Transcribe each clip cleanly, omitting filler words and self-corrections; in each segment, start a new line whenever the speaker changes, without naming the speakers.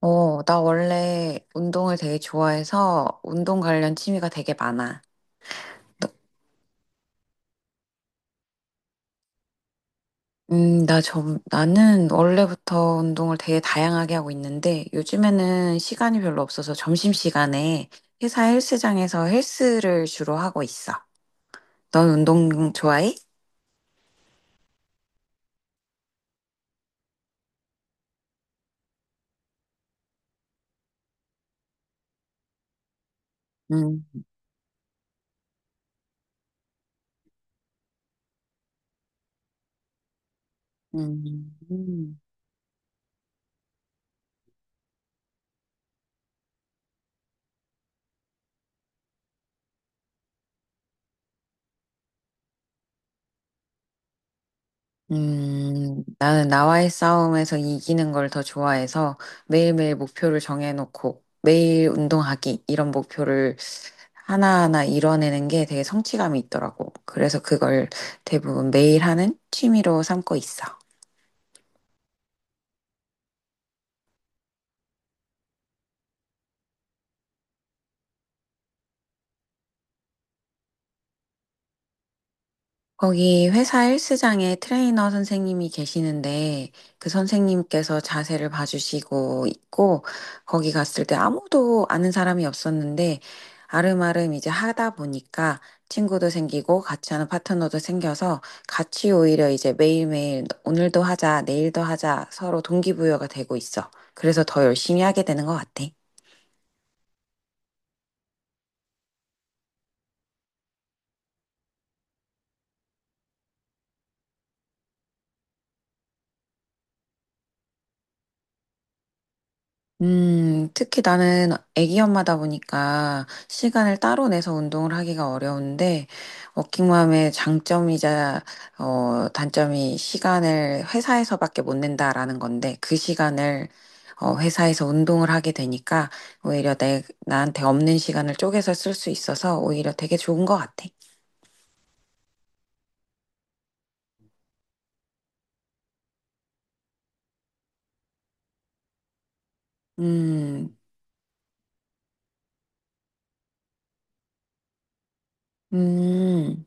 나 원래 운동을 되게 좋아해서 운동 관련 취미가 되게 많아. 너- 나는 원래부터 운동을 되게 다양하게 하고 있는데 요즘에는 시간이 별로 없어서 점심시간에 회사 헬스장에서 헬스를 주로 하고 있어. 넌 운동 좋아해? 음, 음. 나는 나와의 싸움에서 이기는 걸 더 좋아해서 매일매일 목표를 정해놓고 매일 운동하기 이런 목표를 하나하나 이뤄내는 게 되게 성취감이 있더라고. 그래서 그걸 대부분 매일 하는 취미로 삼고 있어. 거기 회사 헬스장에 트레이너 선생님이 계시는데 그 선생님께서 자세를 봐주시고 있고 거기 갔을 때 아무도 아는 사람이 없었는데 아름아름 이제 하다 보니까 친구도 생기고 같이 하는 파트너도 생겨서 같이 오히려 이제 매일매일 오늘도 하자, 내일도 하자 서로 동기부여가 되고 있어. 그래서 더 열심히 하게 되는 것 같아. 특히 나는 아기 엄마다 보니까 시간을 따로 내서 운동을 하기가 어려운데, 워킹맘의 장점이자, 단점이 시간을 회사에서밖에 못 낸다라는 건데, 그 시간을, 회사에서 운동을 하게 되니까, 오히려 나한테 없는 시간을 쪼개서 쓸 수 있어서 오히려 되게 좋은 것 같아. 음, 음,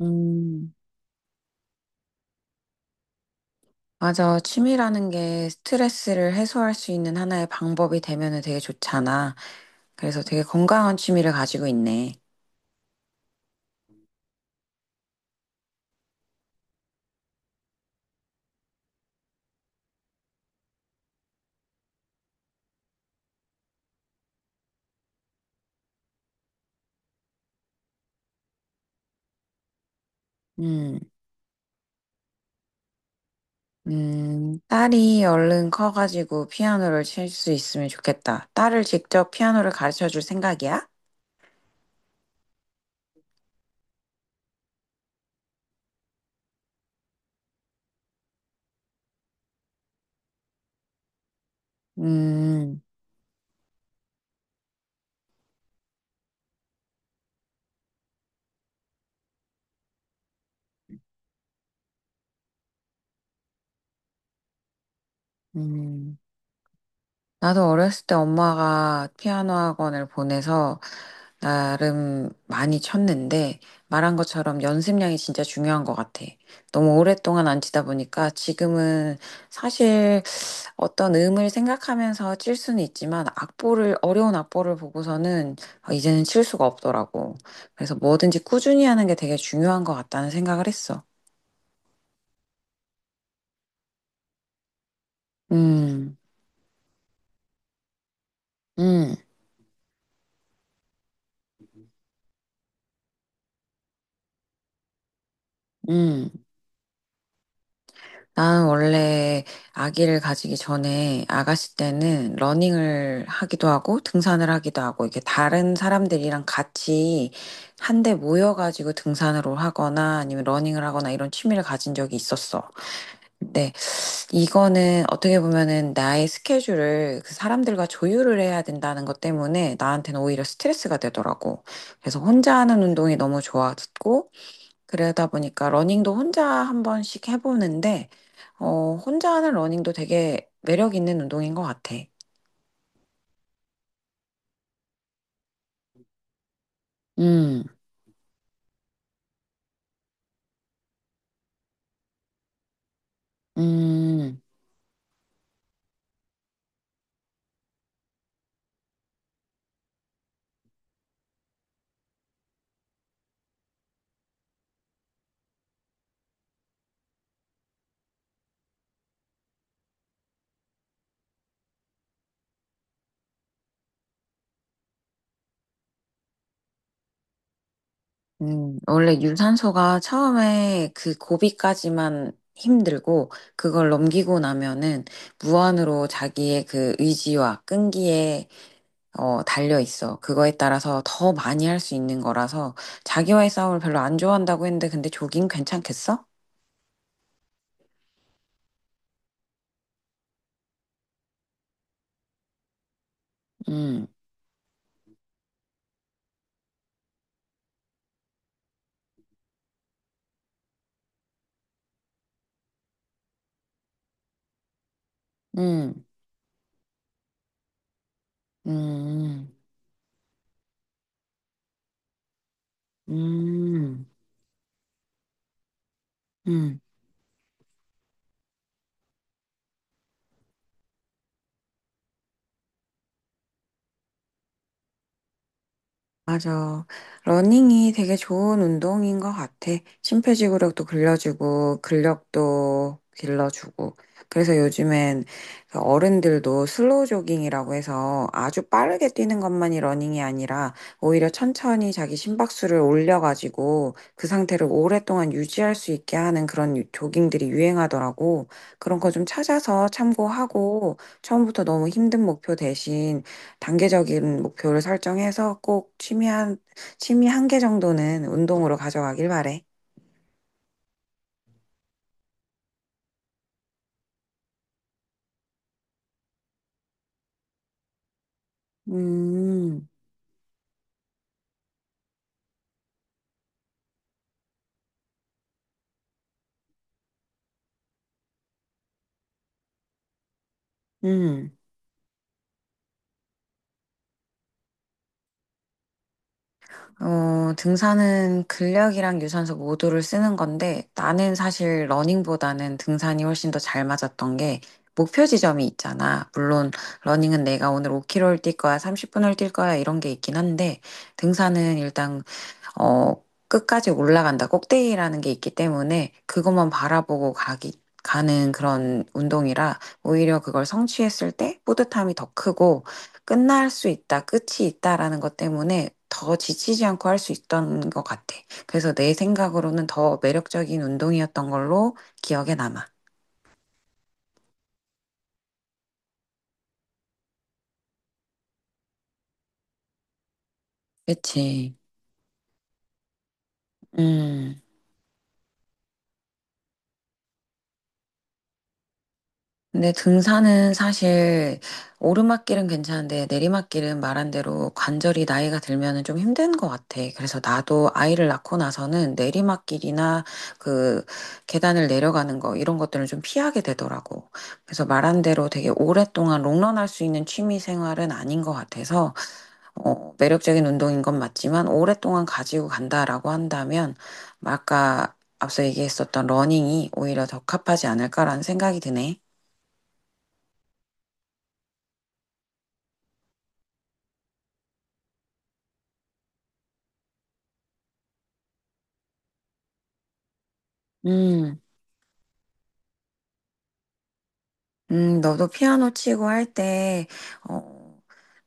음. 맞아. 취미라는 게 스트레스를 해소할 수 있는 하나의 방법이 되면은 되게 좋잖아. 그래서 되게 건강한 취미를 가지고 있네. 음, 딸이 얼른 커가지고 피아노를 칠 수 있으면 좋겠다. 딸을 직접 피아노를 가르쳐 줄 생각이야? 음, 음. 나도 어렸을 때 엄마가 피아노 학원을 보내서 나름 많이 쳤는데 말한 것처럼 연습량이 진짜 중요한 것 같아. 너무 오랫동안 안 치다 보니까 지금은 사실 어떤 음을 생각하면서 칠 수는 있지만 악보를 어려운 악보를 보고서는 아, 이제는 칠 수가 없더라고. 그래서 뭐든지 꾸준히 하는 게 되게 중요한 것 같다는 생각을 했어. 음, 음, 음. 나는 원래 아기를 가지기 전에 아가씨 때는 러닝을 하기도 하고 등산을 하기도 하고 이게 다른 사람들이랑 같이 한데 모여가지고 등산을 하거나 아니면 러닝을 하거나 이런 취미를 가진 적이 있었어. 이거는 어떻게 보면은 나의 스케줄을 그 사람들과 조율을 해야 된다는 것 때문에 나한테는 오히려 스트레스가 되더라고. 그래서 혼자 하는 운동이 너무 좋아졌고, 그러다 보니까 러닝도 혼자 한 번씩 해보는데, 혼자 하는 러닝도 되게 매력 있는 운동인 것 같아. 음, 음, 원래 유산소가 처음에 그 고비까지만 힘들고, 그걸 넘기고 나면은 무한으로 자기의 그 의지와 끈기에 달려 있어. 그거에 따라서 더 많이 할 수 있는 거라서 자기와의 싸움을 별로 안 좋아한다고 했는데 근데 조깅 괜찮겠어? 음, 음, 음, 음, 음, 음. 맞아. 러닝이 되게 좋은 운동인 것 같아. 심폐지구력도 길러주고, 근력도 길러주고. 그래서 요즘엔 그 어른들도 슬로우 조깅이라고 해서 아주 빠르게 뛰는 것만이 러닝이 아니라 오히려 천천히 자기 심박수를 올려가지고 그 상태를 오랫동안 유지할 수 있게 하는 그런 조깅들이 유행하더라고. 그런 거 좀 찾아서 참고하고 처음부터 너무 힘든 목표 대신 단계적인 목표를 설정해서 취미 한 개 정도는 운동으로 가져가길 바래. 음, 음. 어, 등산은 근력이랑 유산소 모두를 쓰는 건데 나는 사실 러닝보다는 등산이 훨씬 더 잘 맞았던 게 목표 지점이 있잖아. 물론 러닝은 내가 오늘 5km를 뛸 거야, 30분을 뛸 거야 이런 게 있긴 한데 등산은 일단 어, 끝까지 올라간다. 꼭대기라는 게 있기 때문에 그것만 바라보고 가는 그런 운동이라 오히려 그걸 성취했을 때 뿌듯함이 더 크고 끝이 있다라는 것 때문에 더 지치지 않고 할 수 있던 것 같아. 그래서 내 생각으로는 더 매력적인 운동이었던 걸로 기억에 남아. 그치. 음. 근데 등산은 사실 오르막길은 괜찮은데 내리막길은 말한 대로 관절이 나이가 들면은 좀 힘든 것 같아. 그래서 나도 아이를 낳고 나서는 내리막길이나 그 계단을 내려가는 거 이런 것들을 좀 피하게 되더라고. 그래서 말한 대로 되게 오랫동안 롱런할 수 있는 취미 생활은 아닌 것 같아서 매력적인 운동인 건 맞지만 오랫동안 가지고 간다라고 한다면 아까 앞서 얘기했었던 러닝이 오히려 적합하지 않을까라는 생각이 드네. 음. 너도 피아노 치고 할 때, 어,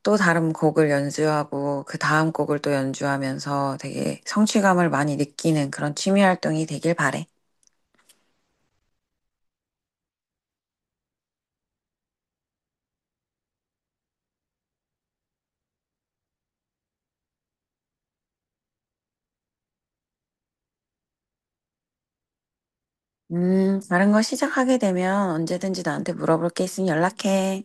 또 다른 곡을 연주하고, 그 다음 곡을 또 연주하면서 되게 성취감을 많이 느끼는 그런 취미 활동이 되길 바래. 다른 거 시작하게 되면 언제든지 나한테 물어볼 게 있으면 연락해.